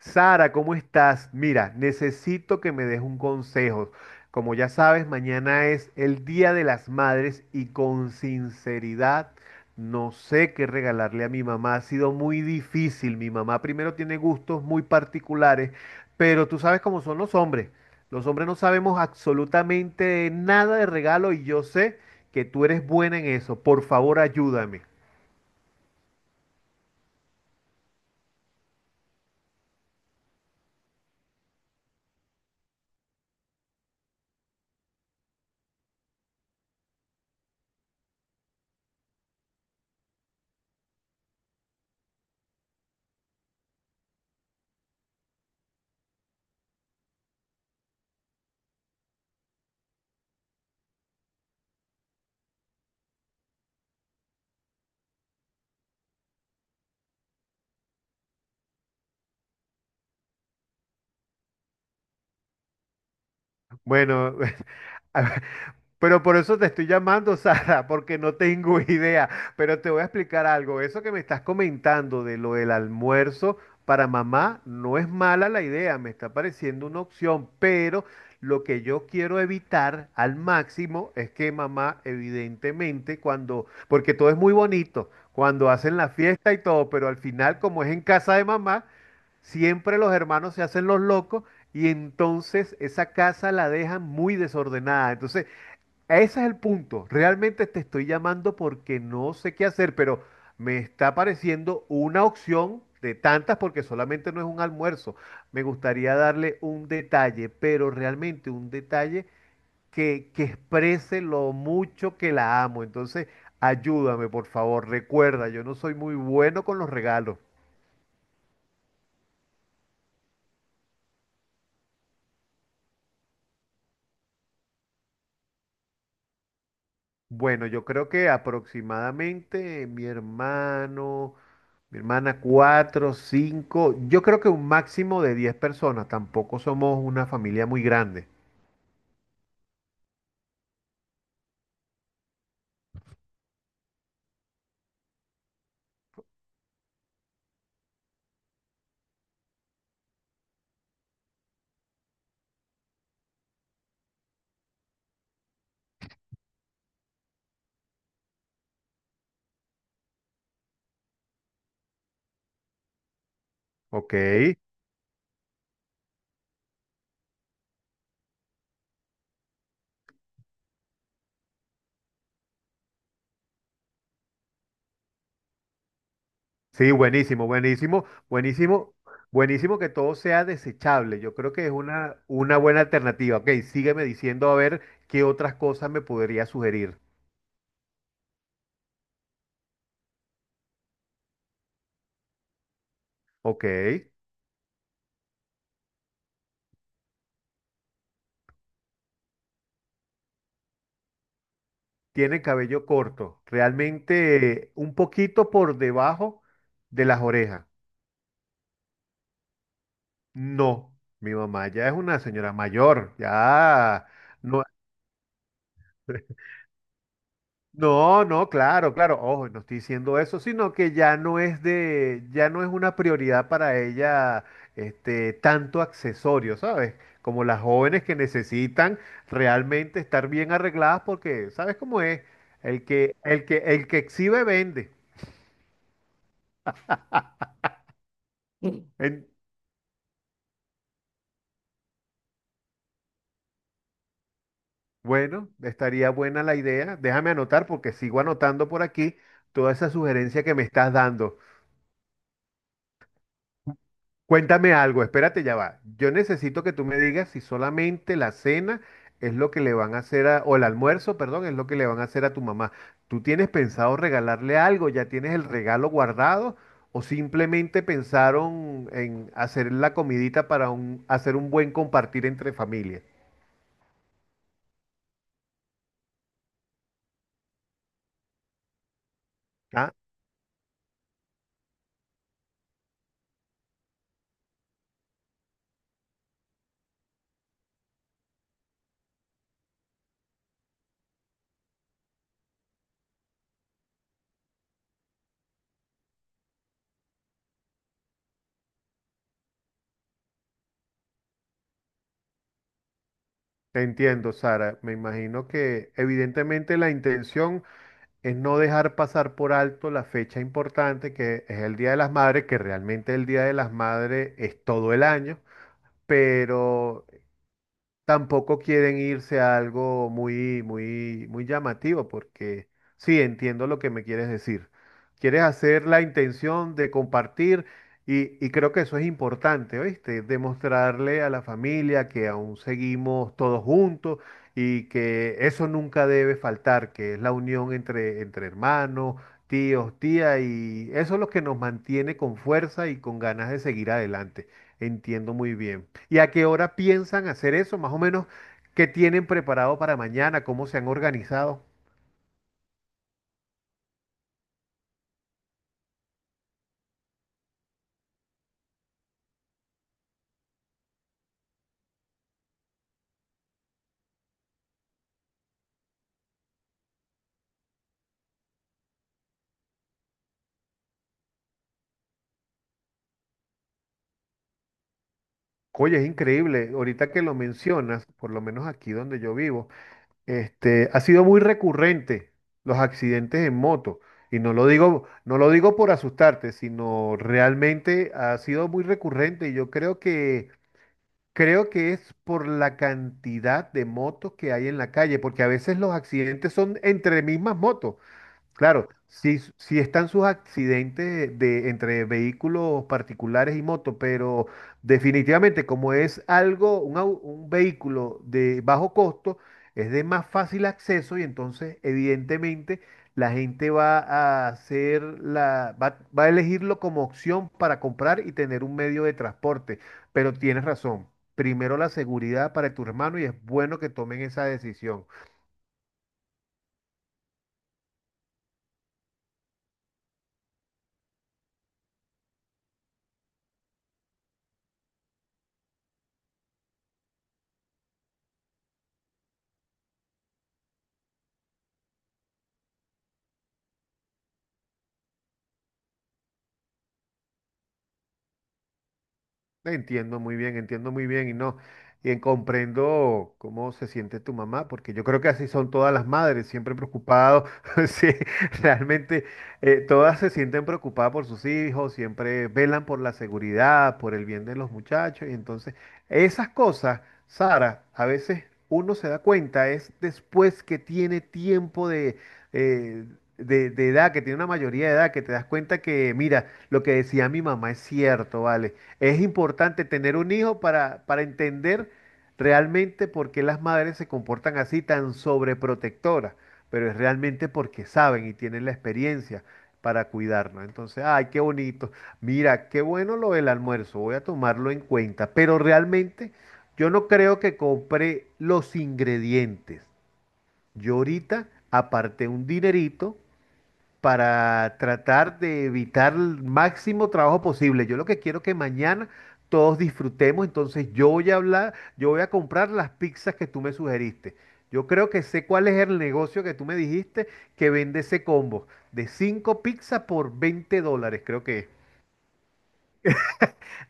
Sara, ¿cómo estás? Mira, necesito que me des un consejo. Como ya sabes, mañana es el Día de las Madres y con sinceridad no sé qué regalarle a mi mamá. Ha sido muy difícil. Mi mamá primero tiene gustos muy particulares, pero tú sabes cómo son los hombres. Los hombres no sabemos absolutamente nada de regalo y yo sé que tú eres buena en eso. Por favor, ayúdame. Bueno, a pero por eso te estoy llamando, Sara, porque no tengo idea. Pero te voy a explicar algo. Eso que me estás comentando de lo del almuerzo para mamá, no es mala la idea, me está pareciendo una opción, pero lo que yo quiero evitar al máximo es que mamá, evidentemente, cuando, porque todo es muy bonito, cuando hacen la fiesta y todo, pero al final, como es en casa de mamá, siempre los hermanos se hacen los locos y entonces esa casa la dejan muy desordenada. Entonces, ese es el punto. Realmente te estoy llamando porque no sé qué hacer, pero me está pareciendo una opción de tantas porque solamente no es un almuerzo. Me gustaría darle un detalle, pero realmente un detalle que exprese lo mucho que la amo. Entonces, ayúdame, por favor. Recuerda, yo no soy muy bueno con los regalos. Bueno, yo creo que aproximadamente mi hermano, mi hermana, cuatro, cinco, yo creo que un máximo de 10 personas. Tampoco somos una familia muy grande. Ok. Sí, buenísimo, buenísimo, buenísimo, buenísimo que todo sea desechable. Yo creo que es una buena alternativa. Ok, sígueme diciendo a ver qué otras cosas me podría sugerir. Ok. Tiene cabello corto, realmente un poquito por debajo de las orejas. No, mi mamá ya es una señora mayor, ya no, no, no, claro, claro, ojo, no estoy diciendo eso, sino que ya no es de, ya no es una prioridad para ella, este, tanto accesorio, ¿sabes? Como las jóvenes que necesitan realmente estar bien arregladas porque, ¿sabes cómo es? El que exhibe vende. En- bueno, estaría buena la idea. Déjame anotar porque sigo anotando por aquí toda esa sugerencia que me estás dando. Cuéntame algo, espérate, ya va. Yo necesito que tú me digas si solamente la cena es lo que le van a hacer a, o el almuerzo, perdón, es lo que le van a hacer a tu mamá. ¿Tú tienes pensado regalarle algo? ¿Ya tienes el regalo guardado? ¿O simplemente pensaron en hacer la comidita para un- hacer un buen compartir entre familias? Ah, te entiendo, Sara. Me imagino que evidentemente la intención es no dejar pasar por alto la fecha importante que es el Día de las Madres, que realmente el Día de las Madres es todo el año, pero tampoco quieren irse a algo muy, muy, muy llamativo, porque sí, entiendo lo que me quieres decir. Quieres hacer la intención de compartir y creo que eso es importante, ¿oíste? Demostrarle a la familia que aún seguimos todos juntos y que eso nunca debe faltar, que es la unión entre hermanos, tíos, tías, y eso es lo que nos mantiene con fuerza y con ganas de seguir adelante. Entiendo muy bien. ¿Y a qué hora piensan hacer eso? Más o menos, ¿qué tienen preparado para mañana? ¿Cómo se han organizado? Oye, es increíble. Ahorita que lo mencionas, por lo menos aquí donde yo vivo, este, ha sido muy recurrente los accidentes en moto. Y no lo digo por asustarte, sino realmente ha sido muy recurrente. Y yo creo que es por la cantidad de motos que hay en la calle, porque a veces los accidentes son entre mismas motos. Claro, sí, sí están sus accidentes de, entre vehículos particulares y motos, pero definitivamente como es algo, un vehículo de bajo costo, es de más fácil acceso y entonces evidentemente la gente va a hacer la, va, va a elegirlo como opción para comprar y tener un medio de transporte. Pero tienes razón, primero la seguridad para tu hermano y es bueno que tomen esa decisión. Entiendo muy bien y no, y comprendo cómo se siente tu mamá, porque yo creo que así son todas las madres, siempre preocupados, sí, realmente todas se sienten preocupadas por sus hijos, siempre velan por la seguridad, por el bien de los muchachos, y entonces esas cosas, Sara, a veces uno se da cuenta, es después que tiene tiempo eh, de edad, que tiene una mayoría de edad, que te das cuenta que, mira, lo que decía mi mamá es cierto, ¿vale? Es importante tener un hijo para entender realmente por qué las madres se comportan así tan sobreprotectoras, pero es realmente porque saben y tienen la experiencia para cuidarnos. Entonces, ay, qué bonito. Mira, qué bueno lo del almuerzo, voy a tomarlo en cuenta, pero realmente yo no creo que compre los ingredientes. Yo ahorita aparté un dinerito para tratar de evitar el máximo trabajo posible. Yo lo que quiero que mañana todos disfrutemos, entonces yo voy a hablar, yo voy a comprar las pizzas que tú me sugeriste. Yo creo que sé cuál es el negocio que tú me dijiste que vende ese combo de 5 pizzas por $20, creo que es.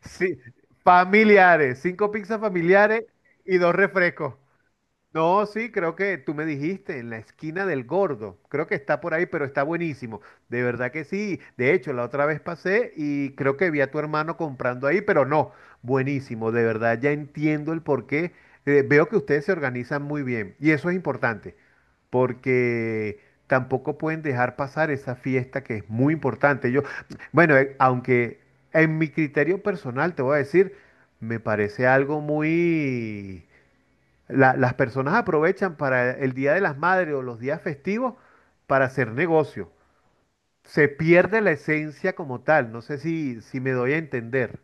Sí, familiares, 5 pizzas familiares y dos refrescos. No, sí, creo que tú me dijiste en la esquina del Gordo. Creo que está por ahí, pero está buenísimo. De verdad que sí. De hecho, la otra vez pasé y creo que vi a tu hermano comprando ahí, pero no, buenísimo. De verdad, ya entiendo el porqué. Veo que ustedes se organizan muy bien y eso es importante, porque tampoco pueden dejar pasar esa fiesta que es muy importante. Yo, bueno, aunque en mi criterio personal te voy a decir, me parece algo muy las personas aprovechan para el Día de las Madres o los días festivos para hacer negocio. Se pierde la esencia como tal. No sé si me doy a entender.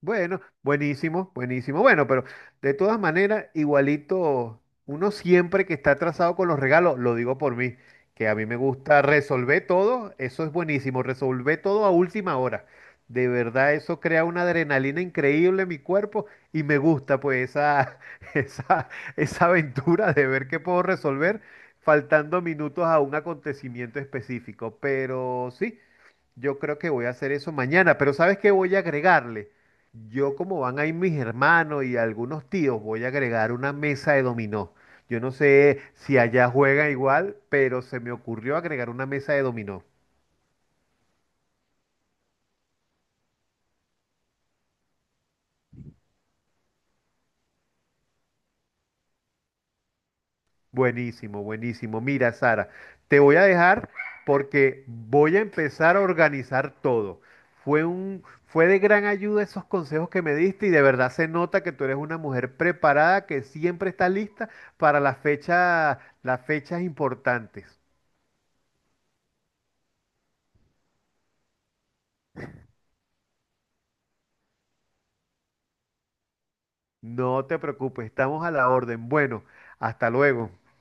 Bueno, buenísimo, buenísimo. Bueno, pero de todas maneras, igualito, uno siempre que está atrasado con los regalos, lo digo por mí, que a mí me gusta resolver todo, eso es buenísimo, resolver todo a última hora. De verdad, eso crea una adrenalina increíble en mi cuerpo y me gusta pues esa, esa, esa aventura de ver qué puedo resolver faltando minutos a un acontecimiento específico. Pero sí. Yo creo que voy a hacer eso mañana, pero ¿sabes qué voy a agregarle? Yo como van ahí mis hermanos y algunos tíos, voy a agregar una mesa de dominó. Yo no sé si allá juega igual, pero se me ocurrió agregar una mesa de dominó. Buenísimo, buenísimo. Mira, Sara, te voy a dejar porque voy a empezar a organizar todo. Fue de gran ayuda esos consejos que me diste y de verdad se nota que tú eres una mujer preparada que siempre está lista para las fechas importantes. No te preocupes, estamos a la orden. Bueno, hasta luego.